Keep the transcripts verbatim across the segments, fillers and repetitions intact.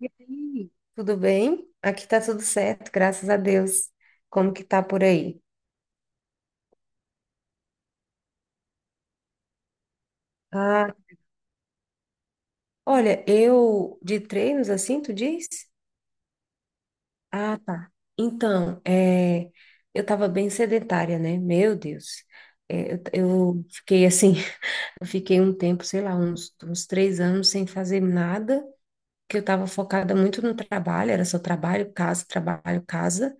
E aí, tudo bem? Aqui tá tudo certo, graças a Deus. Como que tá por aí? Ah, olha, eu de treinos assim, tu diz? Ah, tá. Então, é, eu tava bem sedentária, né? Meu Deus. É, eu, eu fiquei assim, eu fiquei um tempo, sei lá, uns, uns três anos sem fazer nada, que eu tava focada muito no trabalho, era só trabalho, casa, trabalho, casa.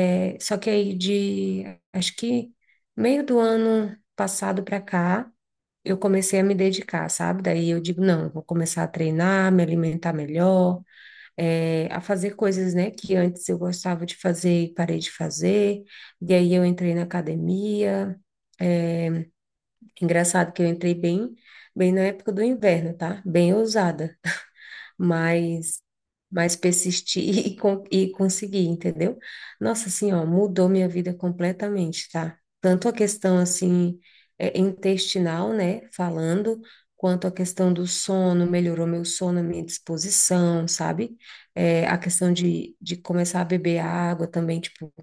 É, só que aí de, acho que meio do ano passado para cá, eu comecei a me dedicar, sabe? Daí eu digo, não, eu vou começar a treinar, me alimentar melhor, eh, a fazer coisas, né, que antes eu gostava de fazer e parei de fazer. E aí eu entrei na academia. Engraçado que eu entrei bem, bem na época do inverno, tá? Bem ousada mas mas persistir e, con- e conseguir, entendeu? Nossa, assim, ó, mudou minha vida completamente, tá? Tanto a questão, assim, é, intestinal, né, falando, quanto a questão do sono, melhorou meu sono, minha disposição, sabe? É, a questão de, de começar a beber água também, tipo,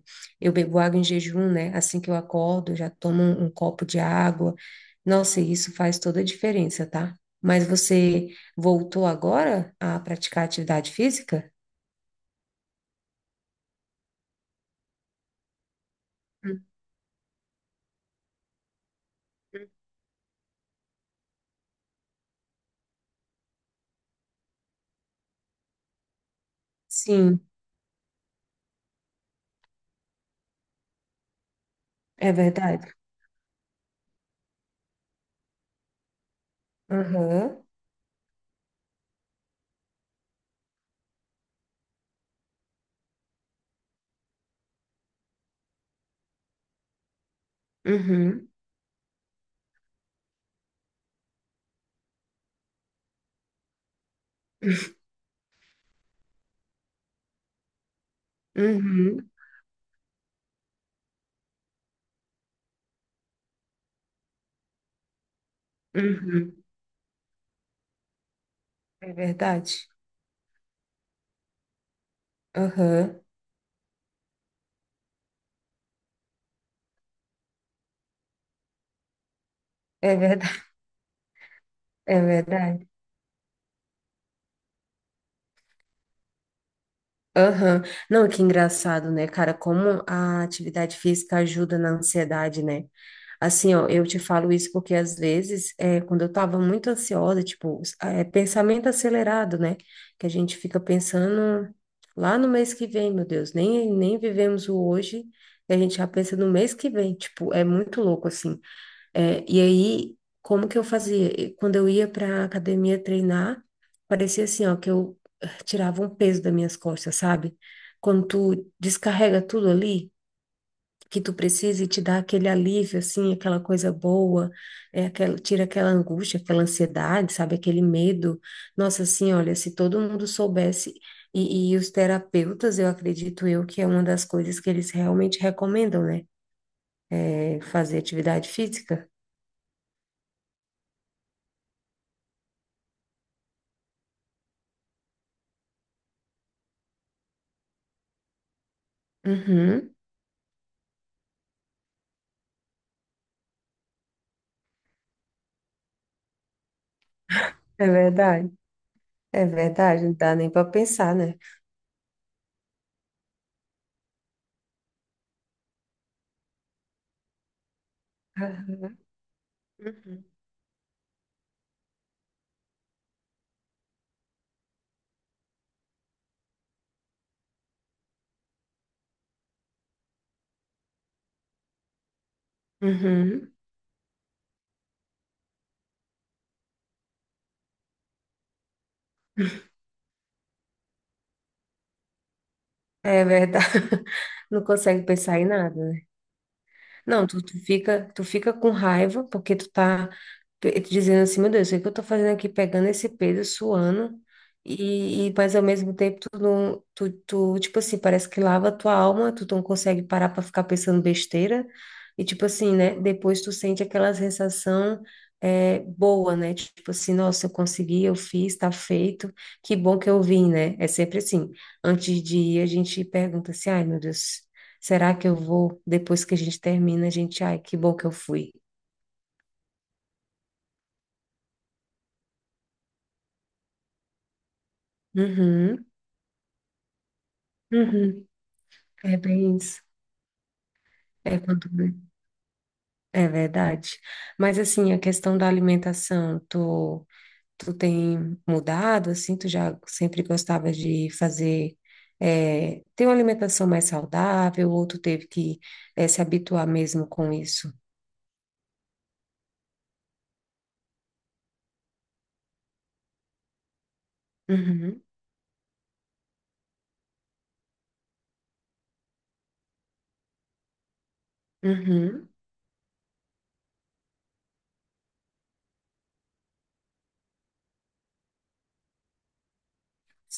eu bebo água em jejum, né? Assim que eu acordo, eu já tomo um, um copo de água. Nossa, e isso faz toda a diferença, tá? Mas você voltou agora a praticar atividade física? Hum. Sim, é verdade. Aham, uhum, uhum, uhum. É verdade. Aham. É verdade, é verdade. Aham. Não, que engraçado, né, cara? Como a atividade física ajuda na ansiedade, né? Assim, ó, eu te falo isso porque às vezes, é, quando eu tava muito ansiosa, tipo, é pensamento acelerado, né? Que a gente fica pensando lá no mês que vem, meu Deus, nem, nem vivemos o hoje, e a gente já pensa no mês que vem, tipo, é muito louco, assim. É, e aí, como que eu fazia? E quando eu ia pra academia treinar, parecia assim, ó, que eu eh, tirava um peso das minhas costas, sabe? Quando tu descarrega tudo ali que tu precisa e te dá aquele alívio, assim, aquela coisa boa, é aquela, tira aquela angústia, aquela ansiedade, sabe, aquele medo. Nossa, assim, olha, se todo mundo soubesse, e, e os terapeutas, eu acredito eu que é uma das coisas que eles realmente recomendam, né? É fazer atividade física. Uhum, é verdade, é verdade, não dá nem para pensar, né? Aham. Uhum. Uhum, é verdade, não consegue pensar em nada, né? Não, tu, tu fica, tu fica com raiva porque tu tá pe- dizendo assim, meu Deus, o que que eu tô fazendo aqui pegando esse peso, suando, e, e mas ao mesmo tempo tu não, tu, tu, tipo assim, parece que lava a tua alma, tu não consegue parar pra ficar pensando besteira, e tipo assim, né, depois tu sente aquela sensação é, boa, né, tipo assim, nossa, eu consegui, eu fiz, tá feito, que bom que eu vim, né, é sempre assim, antes de ir a gente pergunta assim, ai meu Deus, será que eu vou? Depois que a gente termina, a gente, ai, que bom que eu fui. Uhum, uhum. É bem isso. É, quando- é verdade. Mas assim, a questão da alimentação, tu, tu tem mudado, assim, tu já sempre gostava de fazer, é, ter uma alimentação mais saudável, ou tu teve que, é, se habituar mesmo com isso? Uhum, uhum.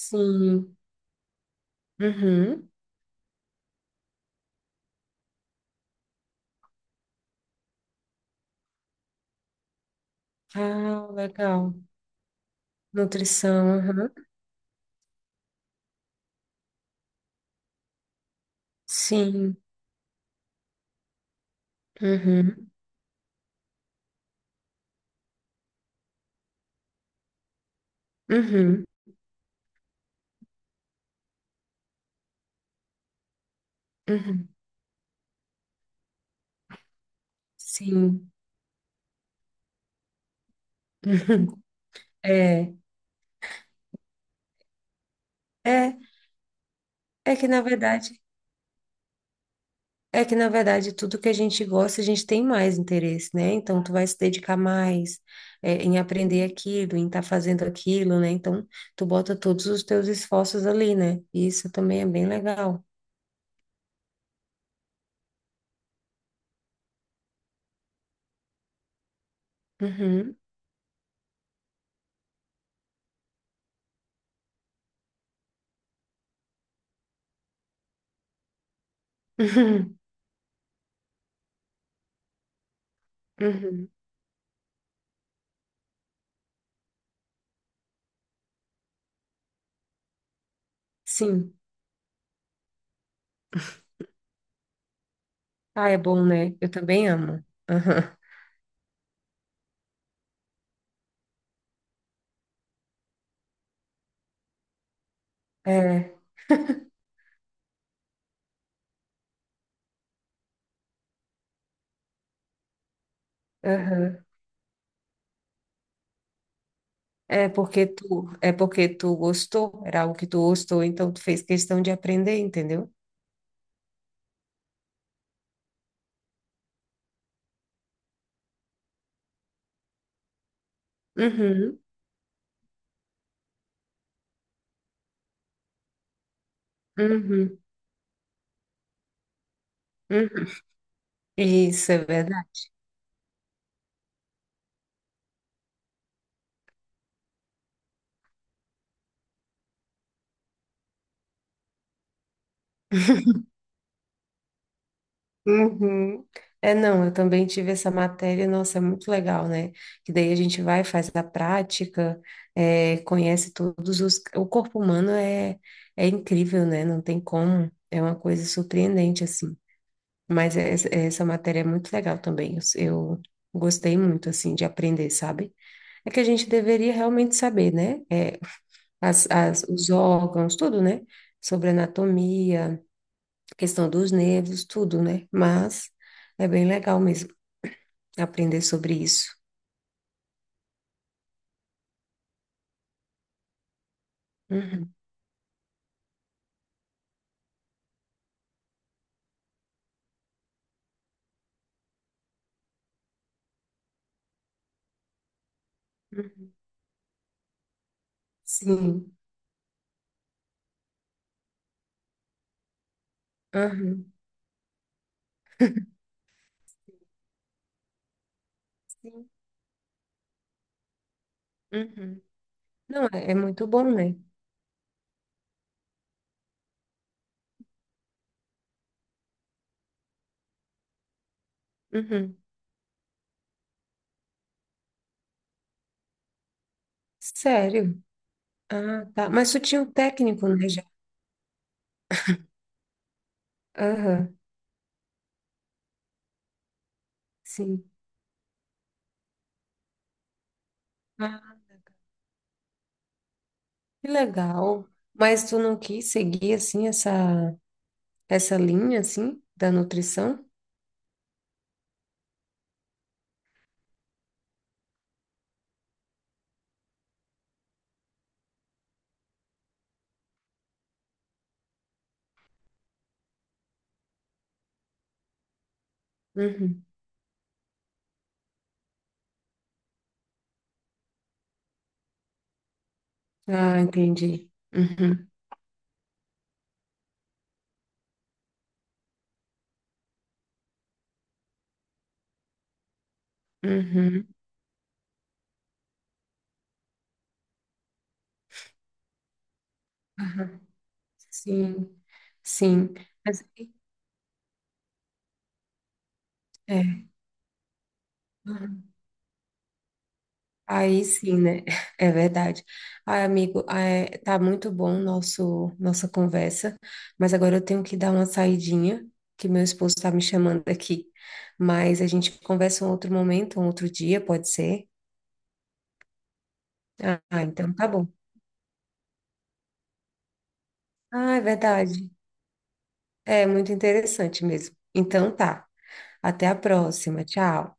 Sim. Uhum. Ah, legal. Nutrição, aham. Sim. Uhum, uhum, uhum. Sim. Uhum. É, é, é que na verdade, é que na verdade tudo que a gente gosta, a gente tem mais interesse, né? Então tu vai se dedicar mais é, em aprender aquilo, em estar fazendo aquilo, né? Então tu bota todos os teus esforços ali, né? E isso também é bem legal. Uhum, uhum, uhum. Sim. Ah, é bom, né? Eu também amo. Aham. É, aham. É porque tu, é porque tu gostou, era algo que tu gostou, então tu fez questão de aprender, entendeu? Uhum, uhum, uhum. Isso é verdade. Uhum. É, não, eu também tive essa matéria, nossa, é muito legal, né? Que daí a gente vai, faz a prática, é, conhece todos os. O corpo humano é, é incrível, né? Não tem como, é uma coisa surpreendente, assim. Mas é- é- essa matéria é muito legal também, eu, eu gostei muito, assim, de aprender, sabe? É que a gente deveria realmente saber, né? É, as, as, os órgãos, tudo, né? Sobre anatomia, questão dos nervos, tudo, né? Mas é bem legal mesmo aprender sobre isso. Uhum, uhum. Sim. Uhum. Sim. Uhum. Não, é, é muito bom, né? Uhum. Sério? Ah, tá. Mas tu tinha um técnico, né, já? Aham, sim. Ah, que legal. Mas tu não quis seguir, assim, essa, essa linha, assim, da nutrição? Uhum. Ah, entendi. Uhum. Uhum. Aham. Sim, sim. Mas, é. Uhum. Aí sim, né? É verdade. Ai, amigo, é, tá muito bom nosso nossa conversa, mas agora eu tenho que dar uma saidinha, que meu esposo tá me chamando aqui. Mas a gente conversa um outro momento, um outro dia, pode ser? Ah, então tá bom. Ah, é verdade. É muito interessante mesmo. Então tá. Até a próxima. Tchau.